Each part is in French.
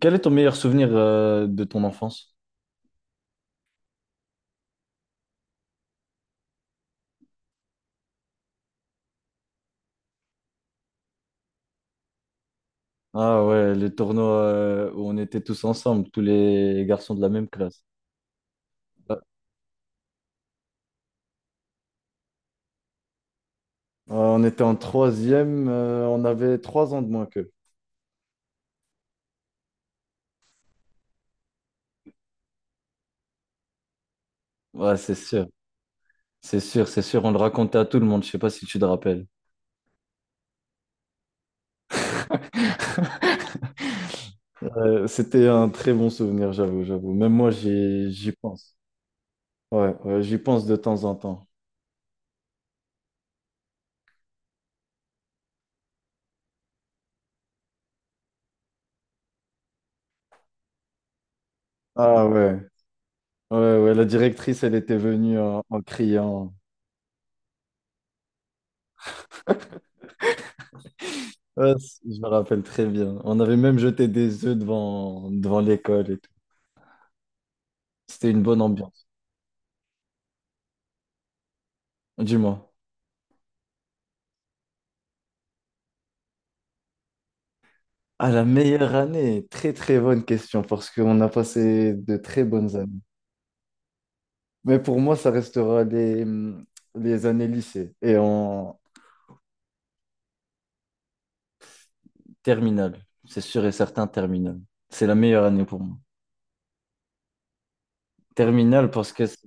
Quel est ton meilleur souvenir de ton enfance? Ah ouais, les tournois où on était tous ensemble, tous les garçons de la même classe. Ouais. Ouais, on était en troisième, on avait trois ans de moins qu'eux. Ouais, c'est sûr, c'est sûr, c'est sûr. On le racontait à tout le monde, je sais pas si tu te rappelles. C'était un très bon souvenir, j'avoue, j'avoue. Même moi, j'y pense. Ouais, ouais, j'y pense de temps en temps. Ah ouais, ouais, ouais. La directrice, elle était venue en criant. Ouais, je me rappelle très bien. On avait même jeté des œufs devant, devant l'école et tout. C'était une bonne ambiance. Dis-moi. Ah, la meilleure année, très très bonne question parce qu'on a passé de très bonnes années. Mais pour moi, ça restera les années lycée et en terminale. C'est sûr et certain, terminale. C'est la meilleure année pour moi. Terminale parce que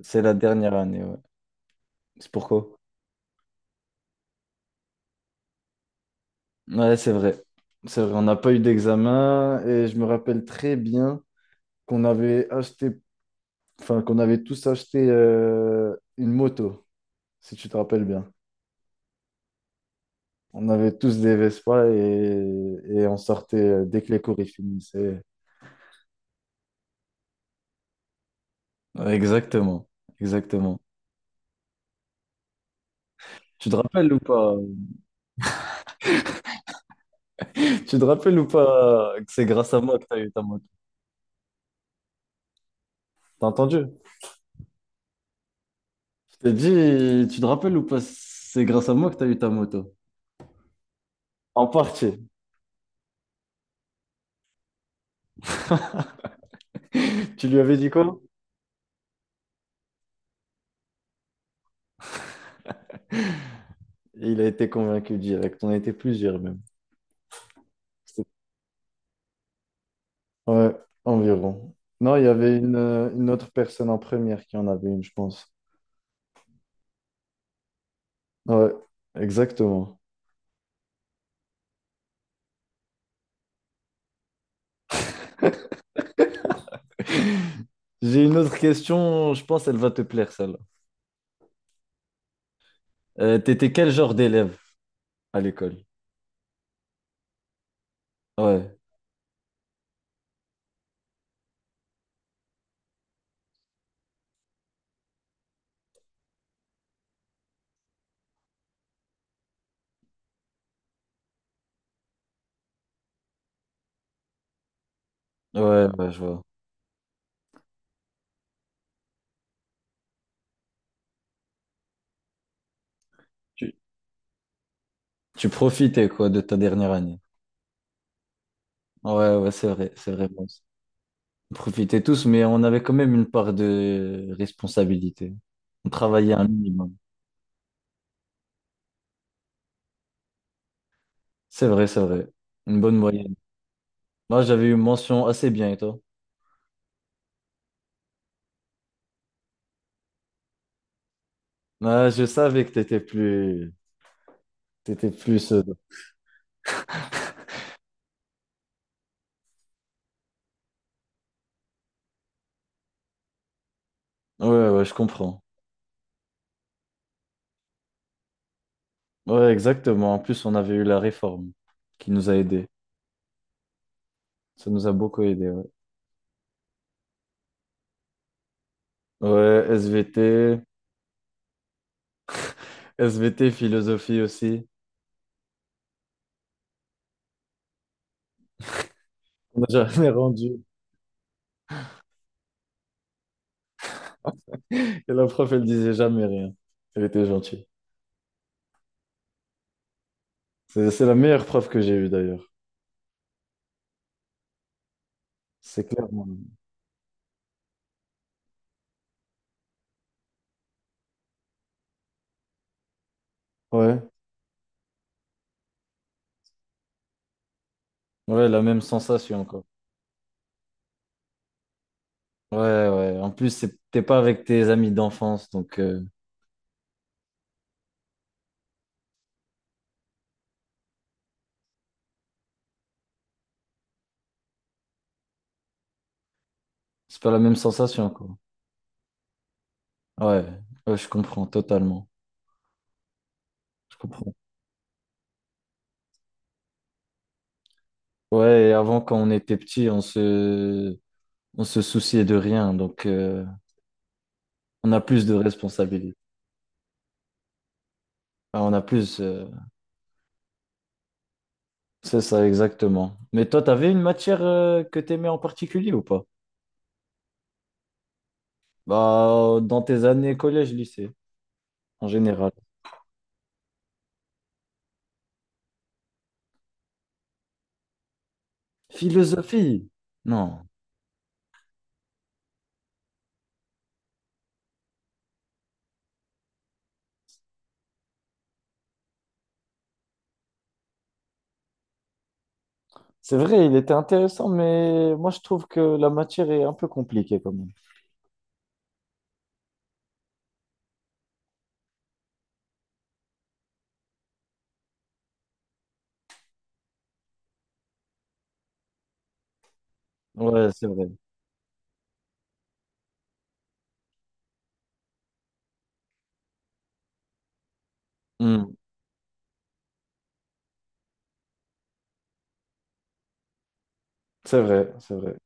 c'est la dernière année, ouais. C'est pourquoi? Ouais, c'est vrai. C'est vrai, on n'a pas eu d'examen et je me rappelle très bien. Qu'on avait acheté, enfin, qu'on avait tous acheté une moto, si tu te rappelles bien. On avait tous des Vespa et on sortait dès que les cours y finissaient. Ouais, exactement, exactement. Tu te rappelles ou pas? Tu te rappelles ou pas que c'est grâce à moi que t'as eu ta moto? T'as entendu? Je t'ai dit, tu te rappelles ou pas, c'est grâce à moi que t'as eu ta moto. En partie. Tu lui avais dit quoi? Il a été convaincu direct. On a été plusieurs même. Ouais, environ. Non, il y avait une autre personne en première qui en avait une, je pense. Ouais, exactement. J'ai une autre question, je pense elle va te plaire, celle-là. T'étais quel genre d'élève à l'école? Ouais, ouais, ouais, je vois. Tu, tu profitais, quoi, de ta dernière année. Ouais, ouais, c'est vrai, c'est vrai. Bon, on profitait tous, mais on avait quand même une part de responsabilité. On travaillait un minimum. C'est vrai, c'est vrai. Une bonne moyenne. Moi, j'avais eu mention assez bien, et toi? Ah, je savais que t'étais plus. Ouais, ouais, je comprends. Ouais, exactement. En plus, on avait eu la réforme qui nous a aidés. Ça nous a beaucoup aidés. Ouais, ouais, SVT, SVT, philosophie aussi. On n'a jamais rendu. Et la prof, elle disait jamais rien. Elle était gentille. C'est la meilleure prof que j'ai eue d'ailleurs. C'est clairement. Ouais, ouais, la même sensation quoi. Ouais, ouais. En plus, t'es pas avec tes amis d'enfance, donc c'est pas la même sensation quoi. Ouais, ouais, je comprends totalement. Je comprends. Ouais, et avant, quand on était petit, on se souciait de rien. Donc, on a plus de responsabilités. Enfin, on a plus. C'est ça, exactement. Mais toi, t'avais une matière que t'aimais en particulier ou pas? Bah, dans tes années collège, lycée, en général. Philosophie? Non. C'est vrai, il était intéressant, mais moi, je trouve que la matière est un peu compliquée quand même. Ouais, c'est vrai. Hmm, c'est vrai, c'est vrai.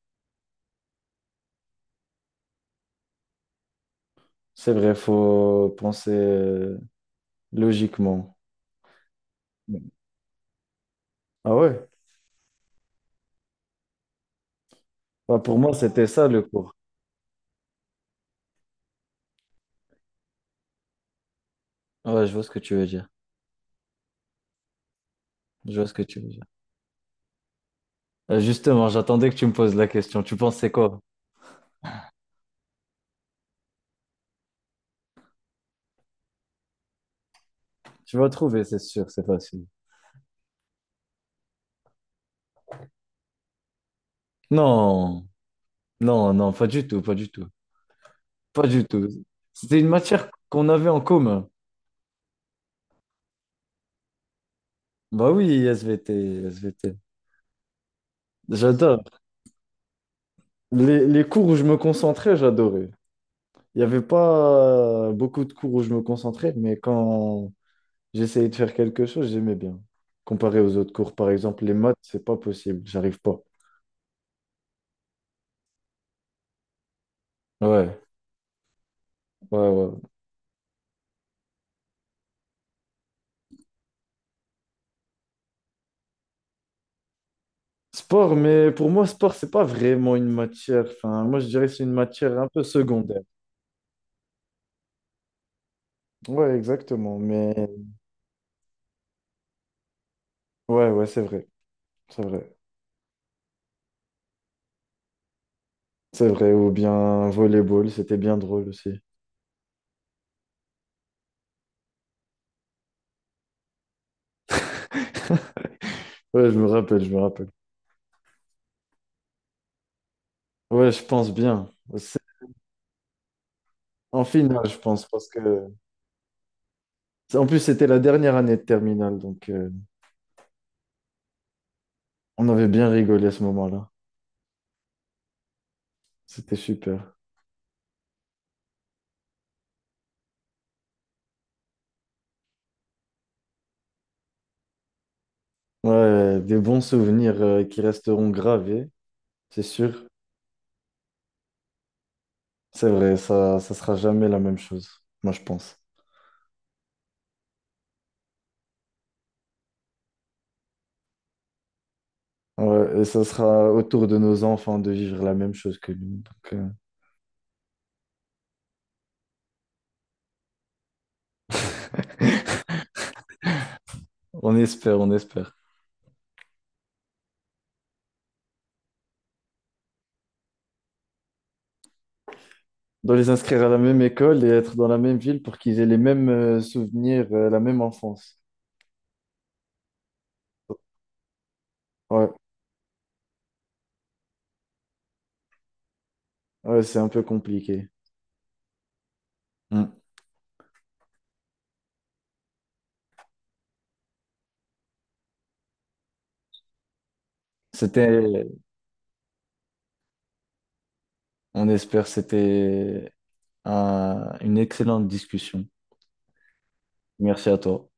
C'est vrai, faut penser logiquement. Ouais. Ah ouais? Bah, pour moi, c'était ça le cours. Ouais, je vois ce que tu veux dire. Je vois ce que tu veux dire. Justement, j'attendais que tu me poses la question. Tu pensais quoi? Tu vas trouver, c'est sûr, c'est facile. Non, non, non, pas du tout, pas du tout. Pas du tout. C'était une matière qu'on avait en commun. Bah oui, SVT, SVT. J'adore. Les cours où je me concentrais, j'adorais. Il n'y avait pas beaucoup de cours où je me concentrais, j'essayais de faire quelque chose, j'aimais bien. Comparé aux autres cours, par exemple, les maths, c'est pas possible, j'arrive pas. Ouais, ouais, ouais. Sport, mais pour moi, sport, c'est pas vraiment une matière. Enfin, moi, je dirais que c'est une matière un peu secondaire. Ouais, exactement. Mais ouais, ouais, c'est vrai, c'est vrai, c'est vrai. Ou bien volleyball, c'était bien drôle aussi. Ouais, je me rappelle, je me rappelle. Ouais, je pense bien. C'est- En finale, je pense, parce que en plus, c'était la dernière année de terminale, donc on avait bien rigolé à ce moment-là. C'était super. Ouais, ouais, des bons souvenirs qui resteront gravés, c'est sûr. C'est vrai, ça sera jamais la même chose, moi je pense. Ouais, et ça sera autour de nos enfants de vivre la même chose que nous. Donc, on espère, on espère. De les inscrire à la même école et être dans la même ville pour qu'ils aient les mêmes souvenirs, la même enfance. Ouais, ouais, c'est un peu compliqué. Mm. C'était, on espère, c'était une excellente discussion. Merci à toi.